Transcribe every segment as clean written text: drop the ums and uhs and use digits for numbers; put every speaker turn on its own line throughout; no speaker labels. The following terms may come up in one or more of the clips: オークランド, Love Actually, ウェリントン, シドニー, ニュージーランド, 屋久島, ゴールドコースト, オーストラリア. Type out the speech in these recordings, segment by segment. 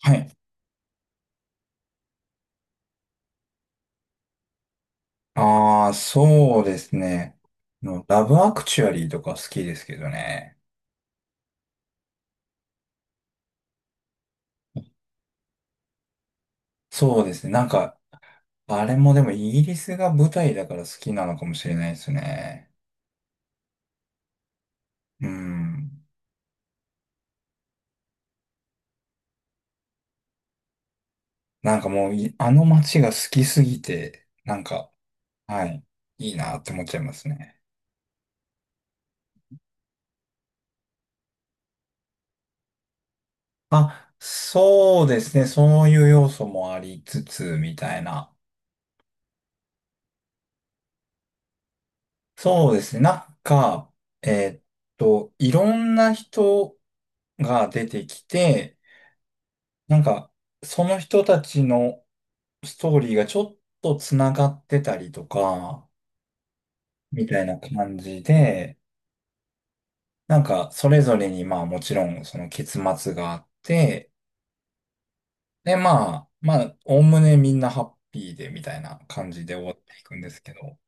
はい。ああ、そうですね。の、ラブアクチュアリーとか好きですけどね。そうですね。なんか、あれもでもイギリスが舞台だから好きなのかもしれないですね。うん。なんかもうい、あの街が好きすぎて、なんか、はい、いいなって思っちゃいますね。あ、そうですね。そういう要素もありつつ、みたいな。そうですね。なんか、えーっいろんな人が出てきて、なんか、その人たちのストーリーがちょっとつながってたりとか、みたいな感じで、なんか、それぞれにまあもちろんその結末があって、で、まあ、まあ、おおむねみんなハッピーでみたいな感じで終わっていくんですけど、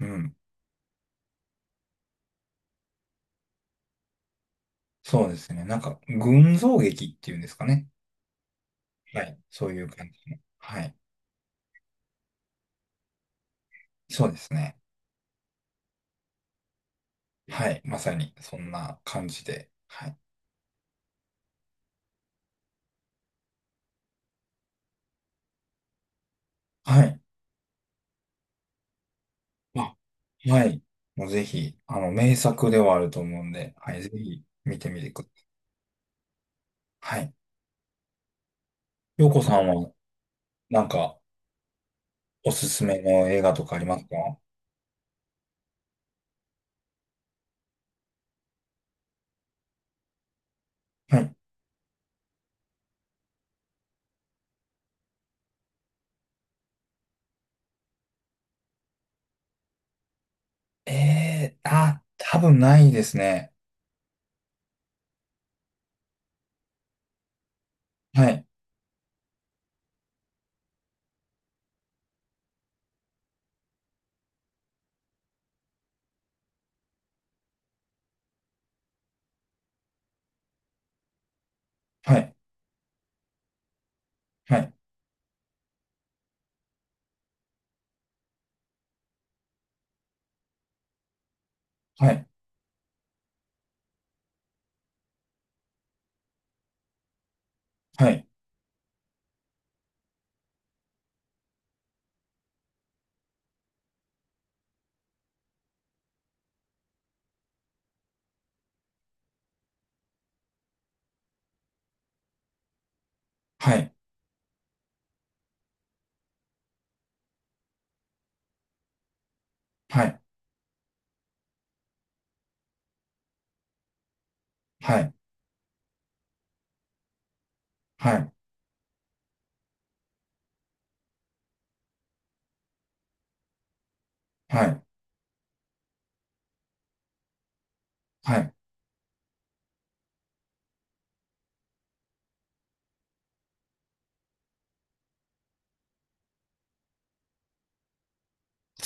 うん。そうですね。なんか、群像劇っていうんですかね。はい。そういう感じの。はい。そうですね。はい。まさに、そんな感じで。はい。はい。あ、はい。もうぜひ、あの、名作ではあると思うんで、はい、ぜひ見てみてください。はい。洋子さんは、なんか、おすすめの映画とかありますか？はい。えー、あ、多分ないですね。はい。はい。はい。はい。はい。はい。はい。はい。はい。はい。はい。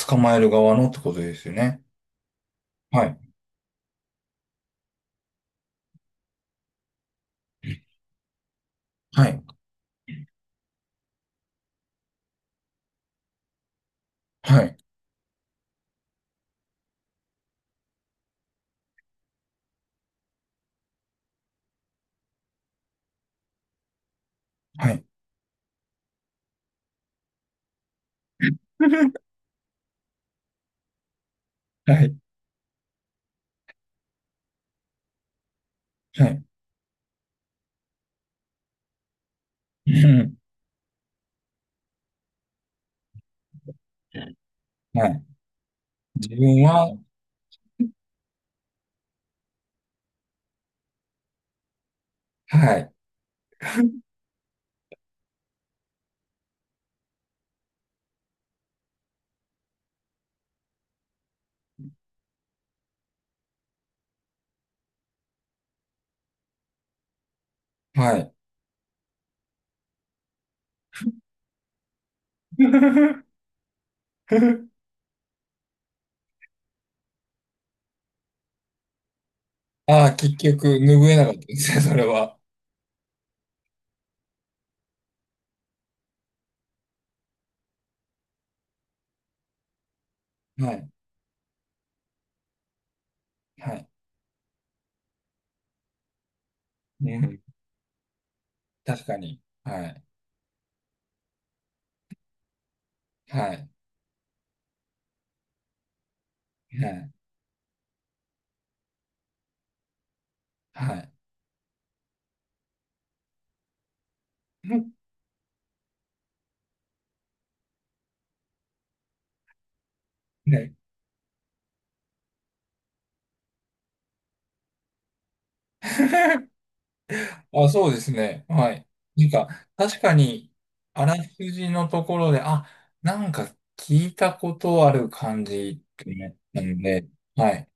捕まえる側のってことですよね。はい。はい。はい。はい。はい。はい。うん、はい。自分は、はい。はい。ああ、結局、拭えなかったですね、それは。はい。はい。うん。確かに。はい。はい。はい。はい。ね。あ、そうですね。はい。なんか、確かに、あらすじのところで、あ、なんか聞いたことある感じってね、なったので、はい。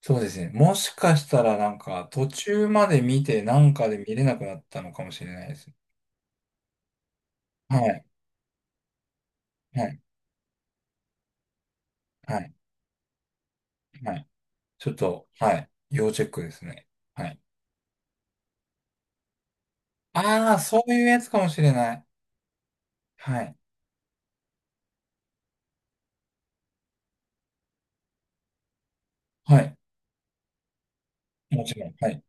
そうですね。もしかしたら、なんか、途中まで見て、なんかで見れなくなったのかもしれないです。はい。はい。はい。はい。ちょっと、はい。要チェックですね。はい。ああ、そういうやつかもしれない。はい。はい。もちろん。はい。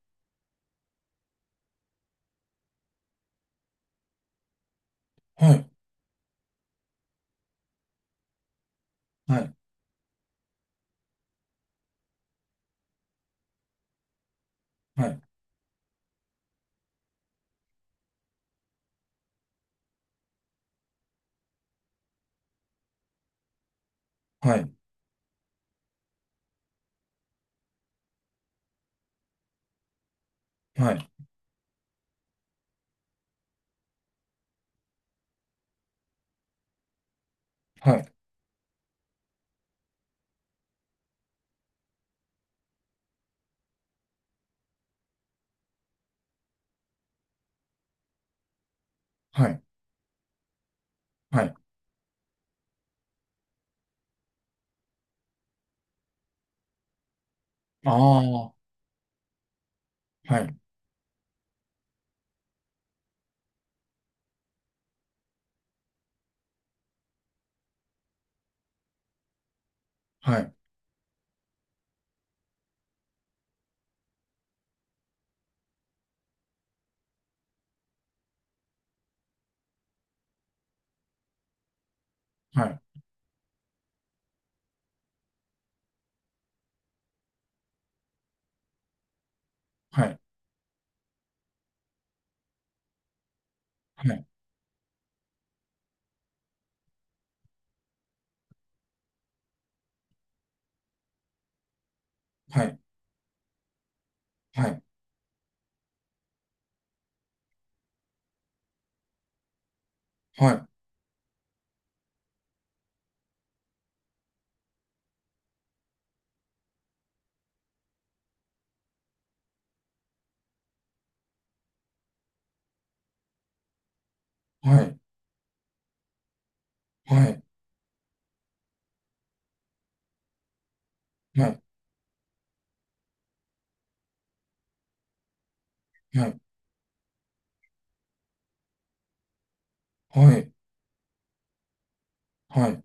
はい。はい。はい。はい。はい。はい。はい。はい。ああ。はい。はい。はい。はい。はい。はい。はい。はい。はい。はい。はい。はい。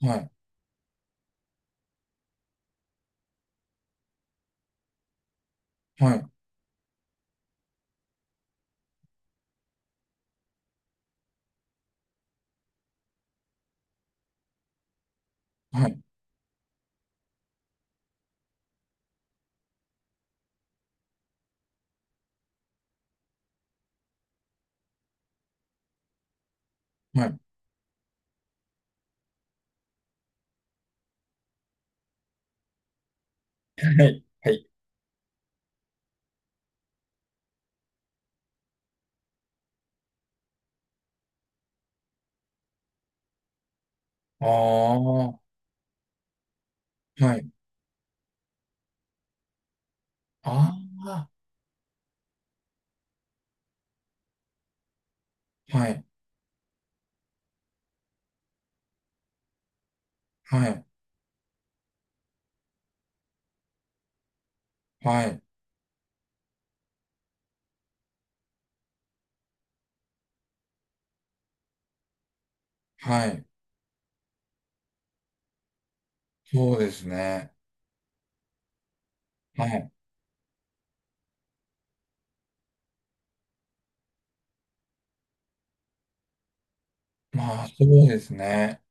はい。はい。はい。はい。はい。はい。はい。はい。ああ。はい。ああ。はい。はい。はい。はい。そうですね。はい。まあ、そうですね。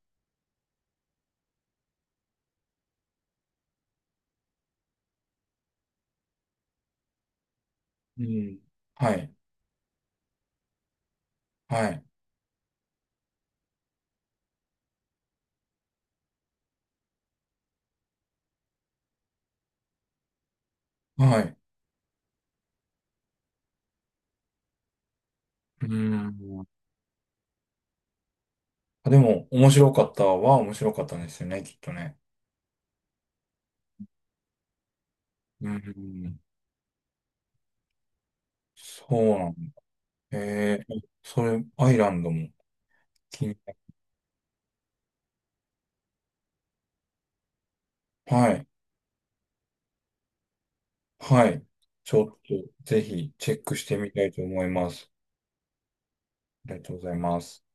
うん。はい。はい。はい。うん。あ、でも、面白かったは面白かったんですよね、きっとね。うん。そうなんだ。えー、それ、アイランドも気になる。はい。はい。ちょっと、ぜひ、チェックしてみたいと思います。ありがとうございます。